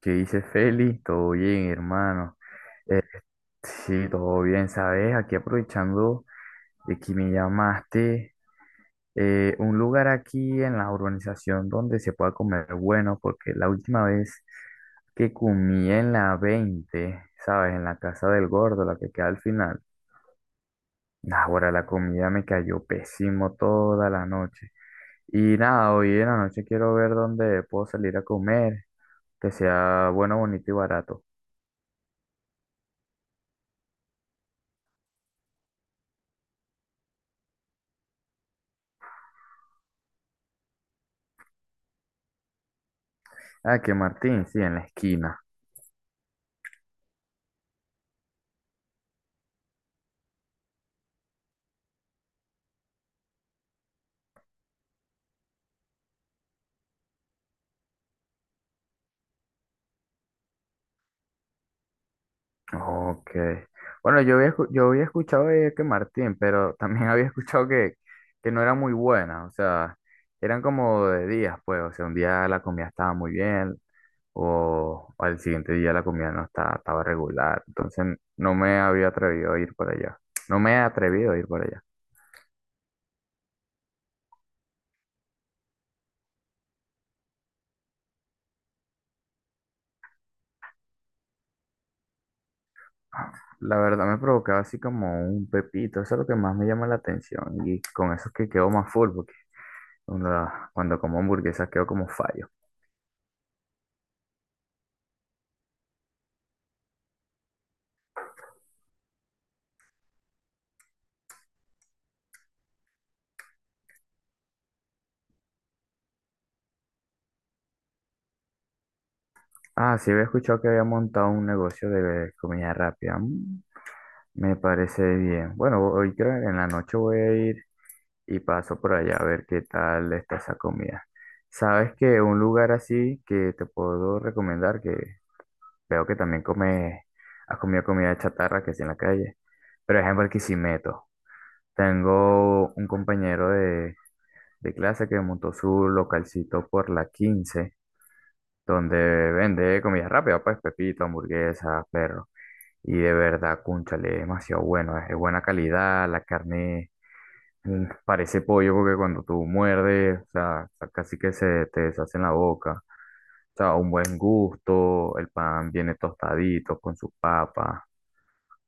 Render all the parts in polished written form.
¿Qué dice Feli? Todo bien, hermano. Sí, todo bien, ¿sabes? Aquí aprovechando de que me llamaste, un lugar aquí en la urbanización donde se pueda comer bueno, porque la última vez que comí en la 20, ¿sabes? En la casa del gordo, la que queda al final. Ahora la comida me cayó pésimo toda la noche. Y nada, hoy en la noche quiero ver dónde puedo salir a comer, que sea bueno, bonito y barato. Ah, que Martín, sí, en la esquina. Ok. Bueno, yo había escuchado de que Martín, pero también había escuchado que no era muy buena, o sea, eran como de días, pues, o sea, un día la comida estaba muy bien o al siguiente día la comida no estaba regular, entonces no me había atrevido a ir por allá, no me he atrevido a ir por allá. Ah, la verdad me provocaba así como un pepito, eso es lo que más me llama la atención y con eso es que quedo más full porque cuando, cuando como hamburguesas quedo como fallo. Ah, sí había escuchado que había montado un negocio de comida rápida. Mm. Me parece bien. Bueno, hoy creo que en la noche voy a ir y paso por allá a ver qué tal está esa comida. ¿Sabes que un lugar así que te puedo recomendar que veo que también come, has comido comida chatarra que es en la calle, pero es en Barquisimeto? Tengo un compañero de clase que montó su localcito por la 15 donde vende comida rápida, pues pepito, hamburguesas, perro. Y de verdad, cúnchale, es demasiado bueno, es de buena calidad, la carne parece pollo porque cuando tú muerdes, o sea, casi que se te deshace en la boca. O sea, un buen gusto, el pan viene tostadito con su papa.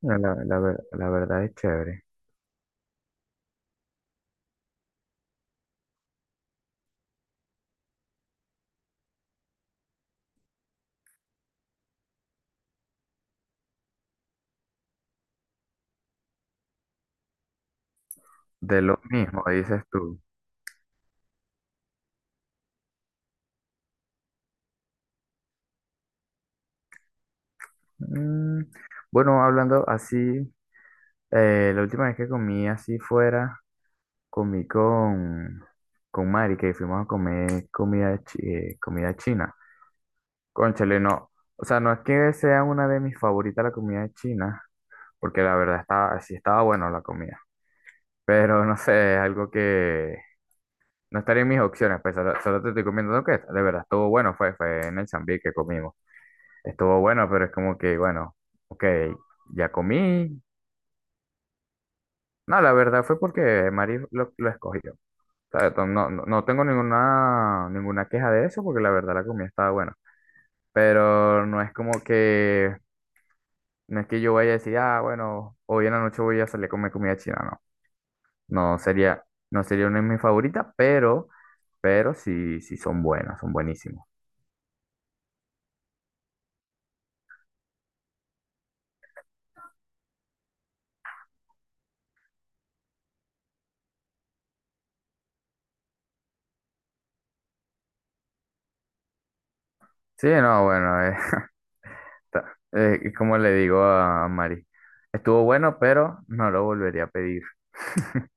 La verdad es chévere. De lo mismo, dices tú. Mm, bueno, hablando así, la última vez que comí así fuera, comí con Mari, que fuimos a comer comida china. Cónchale, no. O sea, no es que sea una de mis favoritas la comida china, porque la verdad estaba, sí estaba bueno la comida. Pero no sé, es algo que no estaría en mis opciones, pues solo te estoy comiendo lo que es. De verdad, estuvo bueno, fue en el Zambi que comimos. Estuvo bueno, pero es como que, bueno, ok, ya comí. No, la verdad fue porque Mari lo escogió. O sea, no, no, no tengo ninguna, ninguna queja de eso porque la verdad la comida estaba buena. Pero no es como que, no es que yo vaya a decir, ah, bueno, hoy en la noche voy a salir a comer comida china. No, no sería, no sería una de mis favoritas, pero sí, sí son buenas, son buenísimas. Sí, no, bueno, es como le digo a Mari, estuvo bueno, pero no lo volvería a pedir.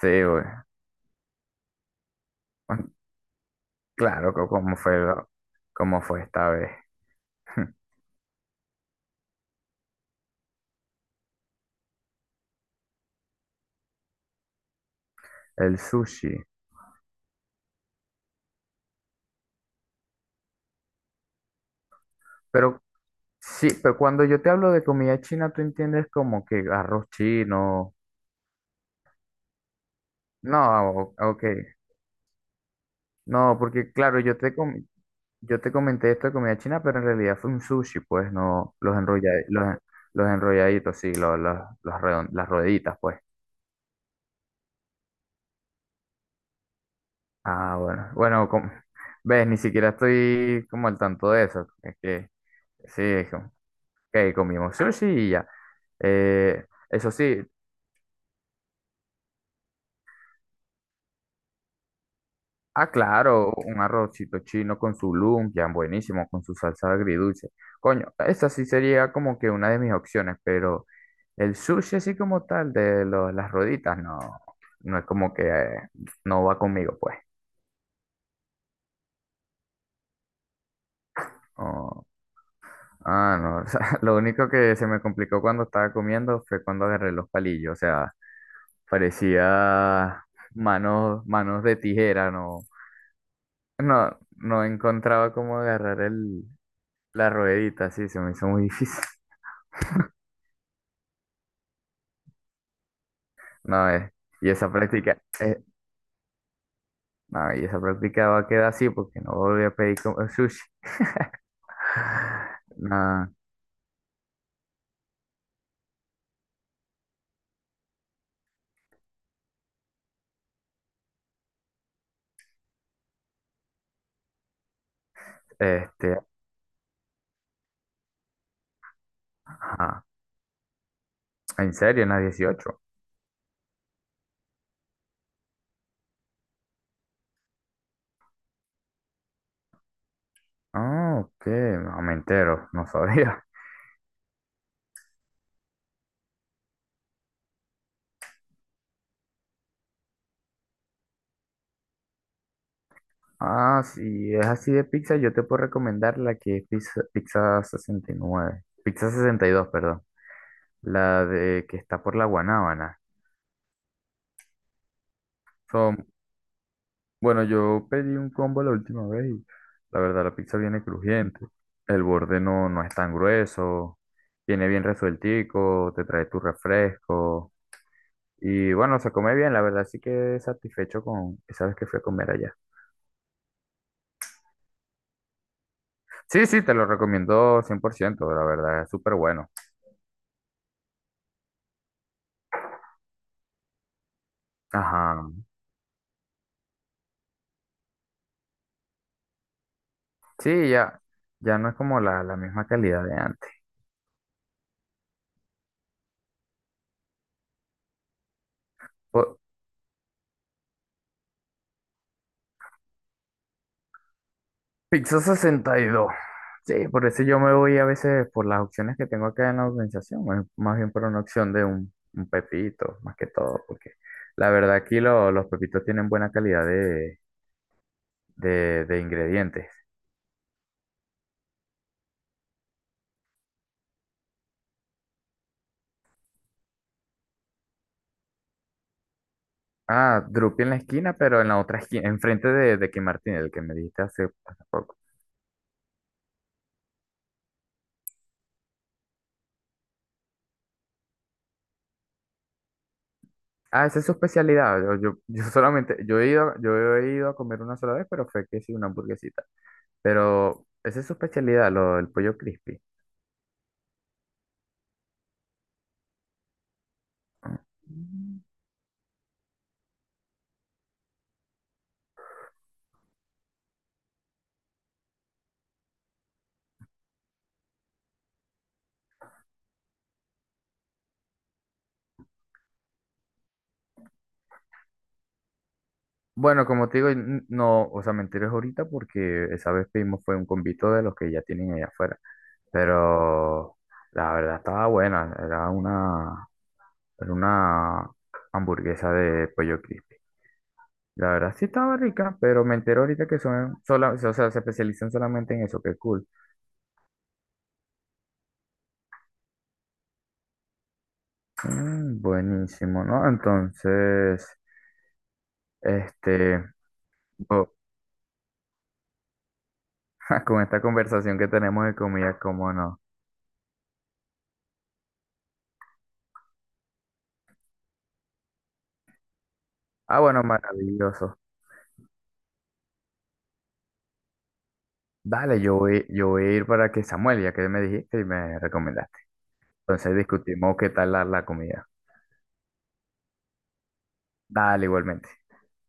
Sí, güey. Claro, como fue esta vez, el sushi. Pero sí, pero cuando yo te hablo de comida china, tú entiendes como que arroz chino. No, ok. No, porque claro, yo te comenté esto de comida china, pero en realidad fue un sushi, pues, no, los enrolladitos, los enrolladitos, sí, las rueditas, pues. Ah, bueno, bueno, ves, ni siquiera estoy como al tanto de eso. Es que sí, que comimos sushi y ya. Eh, Eso sí, ah, claro, un arrocito chino con su lumpia, buenísimo, con su salsa agridulce. Coño, esa sí sería como que una de mis opciones, pero el sushi así como tal de las roditas, no, no es como que no va conmigo, pues. Oh, ah, no, o sea, lo único que se me complicó cuando estaba comiendo fue cuando agarré los palillos, o sea, parecía manos, manos de tijera, no. No, no encontraba cómo agarrar el, la ruedita, sí, se me hizo muy difícil. No, y esa práctica, no, y esa práctica va a quedar así porque no volví a pedir como sushi. No, este, ajá. ¿En serio? ¿En la 18? Ah, ok, no me entero, no sabía. Ah, si es así de pizza, yo te puedo recomendar la que es pizza, pizza 69, pizza 62 perdón, la de que está por la Guanábana. Son Bueno, yo pedí un combo la última vez y la verdad la pizza viene crujiente. El borde no, no es tan grueso, viene bien resueltico, te trae tu refresco y bueno, se come bien, la verdad sí que satisfecho con esa vez que fui a comer allá. Sí, sí, te lo recomiendo 100%, la verdad es súper bueno. Ajá, sí, ya no es como la misma calidad de antes. O- Pixel 62. Sí, por eso yo me voy a veces por las opciones que tengo acá en la organización, más bien por una opción de un pepito, más que todo, porque la verdad aquí los pepitos tienen buena calidad de ingredientes. Ah, Drupi en la esquina, pero en la otra esquina, enfrente de Kim Martín, el que me dijiste hace poco. Ah, esa es su especialidad. Yo solamente, yo he ido a comer una sola vez, pero fue que sí, una hamburguesita. Pero esa es su especialidad, lo, el pollo crispy. Bueno, como te digo, no, o sea, me enteré ahorita porque esa vez pedimos fue un convito de los que ya tienen allá afuera. Pero la verdad estaba buena, era una hamburguesa de pollo crispy. La verdad sí estaba rica, pero me enteré ahorita que o sea, se especializan solamente en eso, qué cool. Mm, buenísimo, ¿no? Entonces, este, oh, con esta conversación que tenemos de comida, cómo no. Ah, bueno, maravilloso. Dale, yo voy a ir para que Samuel, ya que me dijiste y me recomendaste. Entonces discutimos qué tal la comida. Dale, igualmente.